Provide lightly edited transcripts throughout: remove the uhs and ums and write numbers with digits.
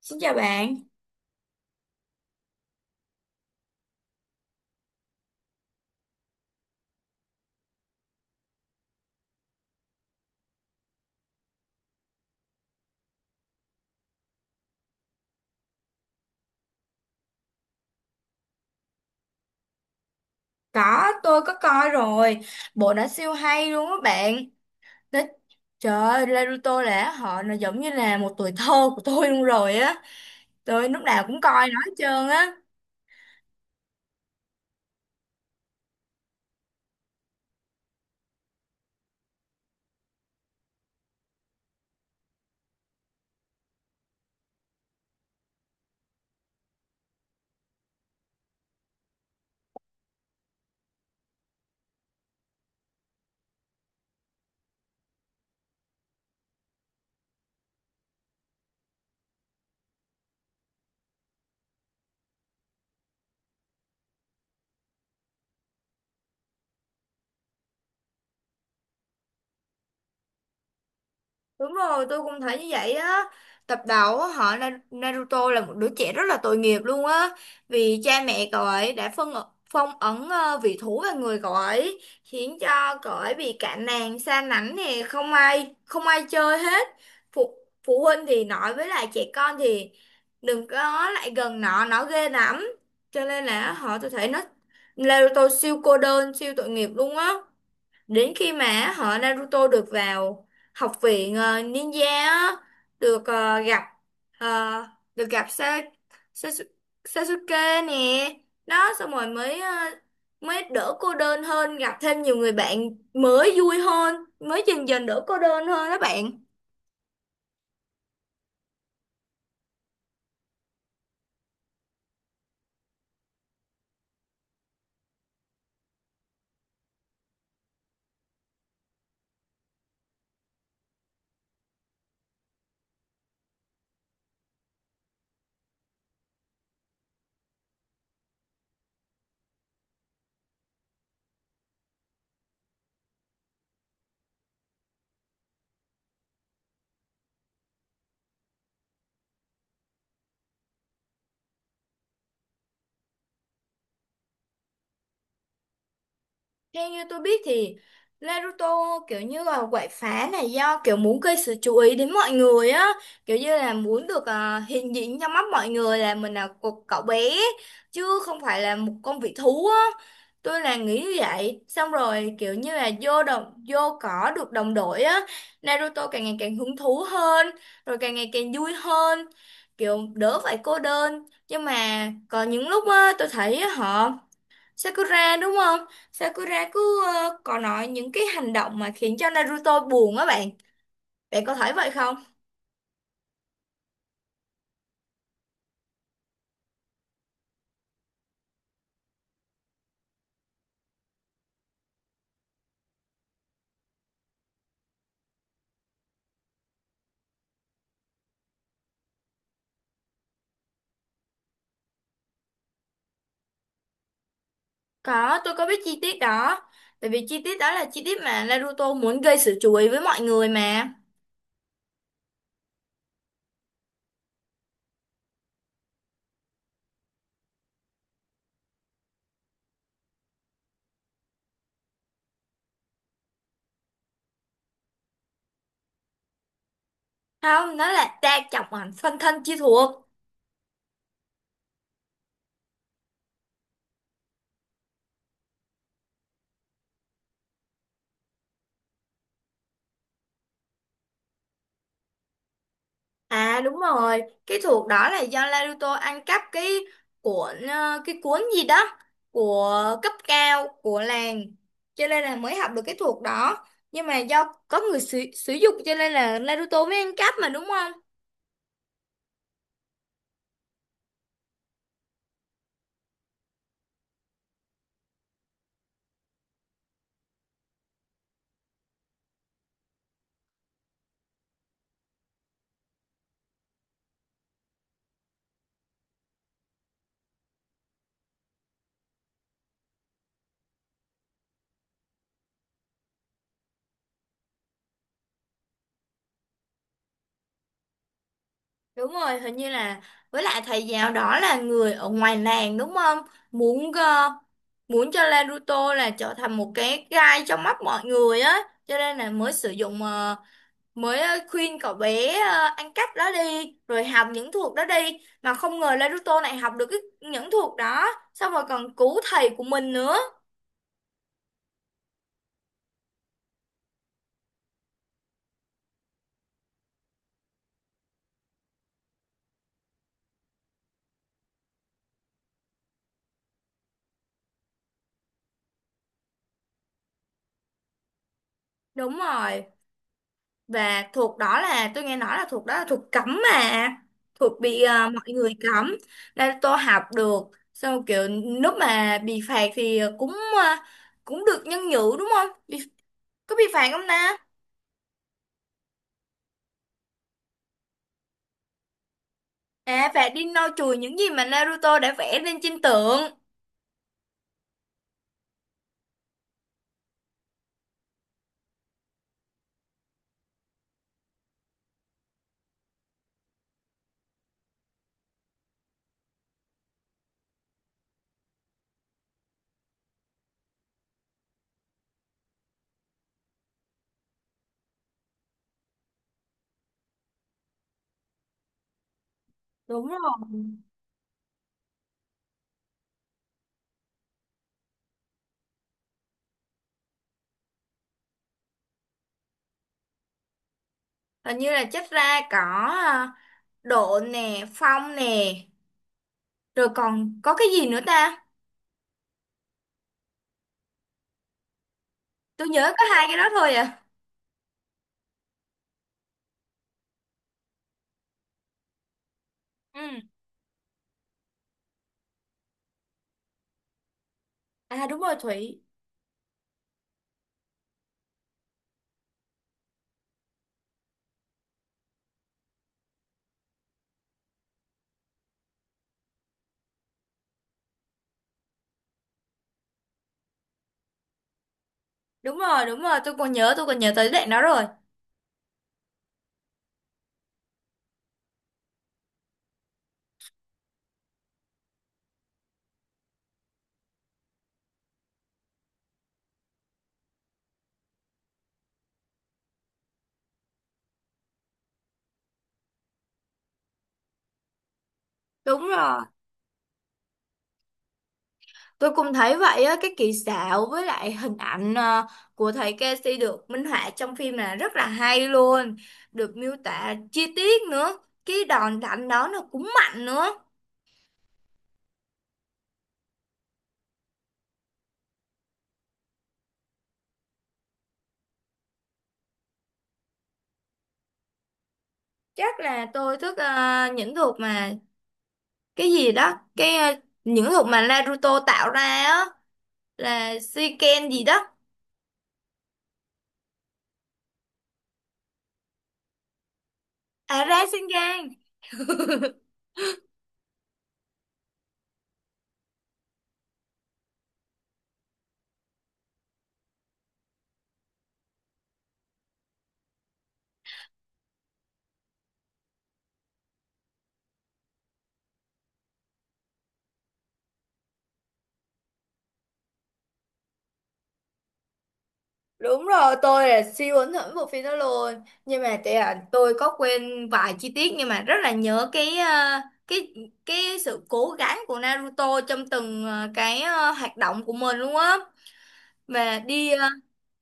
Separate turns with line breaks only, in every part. Xin chào bạn. Có, tôi có coi rồi. Bộ đã siêu hay luôn á bạn. Đó, trời ơi, Naruto là họ nó giống như là một tuổi thơ của tôi luôn rồi á. Tôi lúc nào cũng coi nó hết trơn á. Đúng rồi, tôi cũng thấy như vậy á. Tập đầu á, họ Naruto là một đứa trẻ rất là tội nghiệp luôn á. Vì cha mẹ cậu ấy đã phong ấn vị thú vào người cậu ấy, khiến cho cậu ấy bị cạn nàng, xa lánh nè, không ai chơi hết. Phụ phụ huynh thì nói với lại trẻ con thì đừng có lại gần nó ghê lắm. Cho nên là họ tôi thấy nó Naruto siêu cô đơn, siêu tội nghiệp luôn á đến khi mà họ Naruto được vào học viện ninja á, được gặp ờ, được gặp Sasu- Sasuke nè đó xong rồi mới mới đỡ cô đơn hơn gặp thêm nhiều người bạn mới vui hơn mới dần dần đỡ cô đơn hơn đó bạn. Theo như tôi biết thì Naruto kiểu như là quậy phá này do kiểu muốn gây sự chú ý đến mọi người á, kiểu như là muốn được à, hiện diện trong mắt mọi người là mình là một cậu bé chứ không phải là một con vị thú á. Tôi là nghĩ như vậy, xong rồi kiểu như là vô đồng vô cỏ được đồng đội á, Naruto càng ngày càng hứng thú hơn, rồi càng ngày càng vui hơn, kiểu đỡ phải cô đơn. Nhưng mà có những lúc á tôi thấy á họ Sakura đúng không? Sakura cứ có nói những cái hành động mà khiến cho Naruto buồn á bạn. Bạn có thấy vậy không? Có, tôi có biết chi tiết đó. Bởi vì chi tiết đó là chi tiết mà Naruto muốn gây sự chú ý với mọi người mà. Không, nó là ta chọc ảnh phân thân chi thuộc. À đúng rồi, cái thuộc đó là do Naruto ăn cắp cái cuộn cái cuốn gì đó của cấp cao của làng cho nên là mới học được cái thuộc đó. Nhưng mà do có người sử dụng cho nên là Naruto mới ăn cắp mà đúng không? Đúng rồi, hình như là với lại thầy giáo đó là người ở ngoài làng đúng không? Muốn muốn cho Naruto là trở thành một cái gai trong mắt mọi người á, cho nên là mới sử dụng mới khuyên cậu bé ăn cắp đó đi rồi học những thuật đó đi mà không ngờ Naruto này học được cái, những thuật đó xong rồi còn cứu thầy của mình nữa. Đúng rồi, và thuật đó là tôi nghe nói là thuật đó là thuật cấm mà thuật bị mọi người cấm Naruto học được xong rồi kiểu lúc mà bị phạt thì cũng ờ, cũng được nhân nhự đúng không có bị phạt không ta? À phạt đi lau chùi những gì mà Naruto đã vẽ lên trên tượng. Đúng rồi. Hình như là chất ra có à, độ nè, phong nè, rồi còn có cái gì nữa ta? Tôi nhớ có hai cái đó thôi à. Ừ. À đúng rồi Thủy. Đúng rồi, tôi còn nhớ tới đoạn đó rồi. Đúng rồi. Tôi cũng thấy vậy á, cái kỹ xảo với lại hình ảnh à, của thầy Casey được minh họa trong phim là rất là hay luôn. Được miêu tả chi tiết nữa. Cái đòn đánh đó nó cũng mạnh nữa. Chắc là tôi thích à, những thuộc mà cái gì đó cái những hộp mà Naruto tạo ra á là Shiken gì đó. À ra Shiken đúng rồi, tôi là siêu ấn hưởng bộ phim đó luôn nhưng mà tại là tôi có quên vài chi tiết nhưng mà rất là nhớ cái cái cái sự cố gắng của Naruto trong từng cái hoạt động của mình luôn á mà đi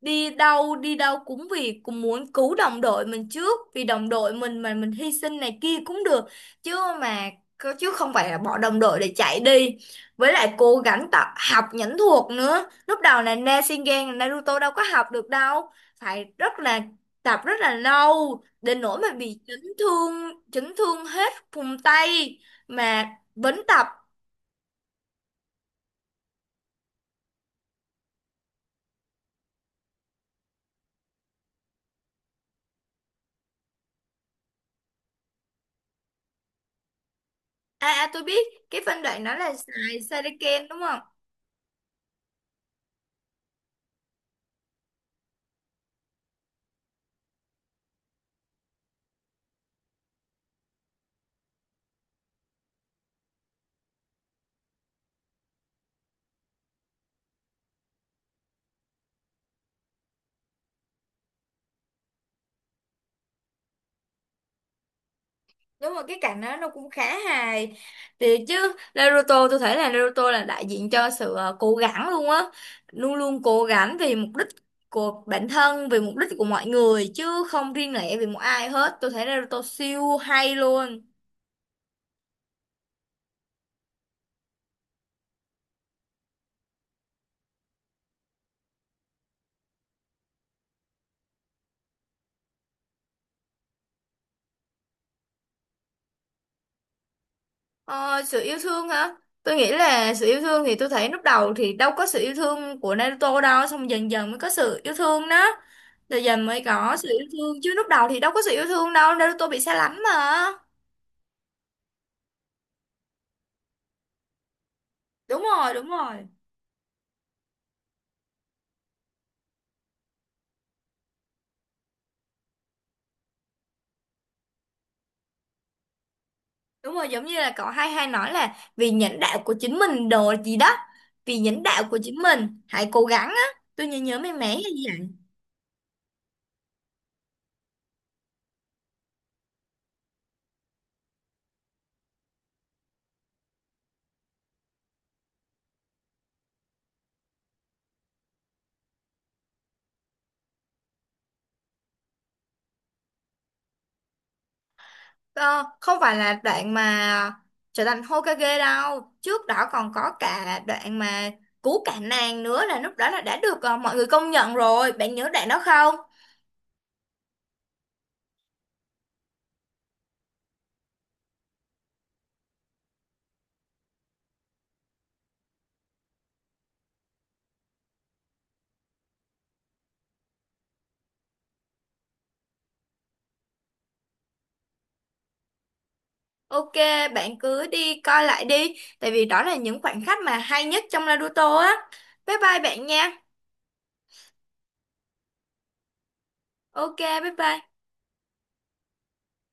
đi đâu cũng vì cũng muốn cứu đồng đội mình trước vì đồng đội mình mà mình hy sinh này kia cũng được chứ mà chứ không phải là bỏ đồng đội để chạy đi với lại cố gắng tập học nhẫn thuật nữa lúc đầu là Rasengan Naruto đâu có học được đâu phải rất là tập rất là lâu đến nỗi mà bị chấn thương hết vùng tay mà vẫn tập. À, à tôi biết cái phân đoạn đó là xài Shuriken đúng không. Đúng rồi cái cảnh đó nó cũng khá hài thì chứ Naruto tôi thấy là Naruto là đại diện cho sự cố gắng luôn á luôn luôn cố gắng vì mục đích của bản thân vì mục đích của mọi người chứ không riêng lẻ vì một ai hết, tôi thấy Naruto siêu hay luôn. Ờ, sự yêu thương hả? Tôi nghĩ là sự yêu thương thì tôi thấy lúc đầu thì đâu có sự yêu thương của Naruto đâu, xong dần dần mới có sự yêu thương đó. Rồi dần mới có sự yêu thương chứ lúc đầu thì đâu có sự yêu thương đâu, Naruto bị xa lánh mà. Đúng rồi, đúng rồi. Đúng rồi, giống như là cậu hay hay nói là vì nhãn đạo của chính mình đồ gì đó. Vì nhãn đạo của chính mình, hãy cố gắng á. Tôi nhớ nhớ mấy mẻ hay gì vậy. Ờ, không phải là đoạn mà trở thành Hokage đâu. Trước đó còn có cả đoạn mà cứu cả nàng nữa là lúc đó là đã được mọi người công nhận rồi. Bạn nhớ đoạn đó không? Ok, bạn cứ đi coi lại đi. Tại vì đó là những khoảnh khắc mà hay nhất trong Naruto á. Bye bye bạn nha. Ok, bye bye.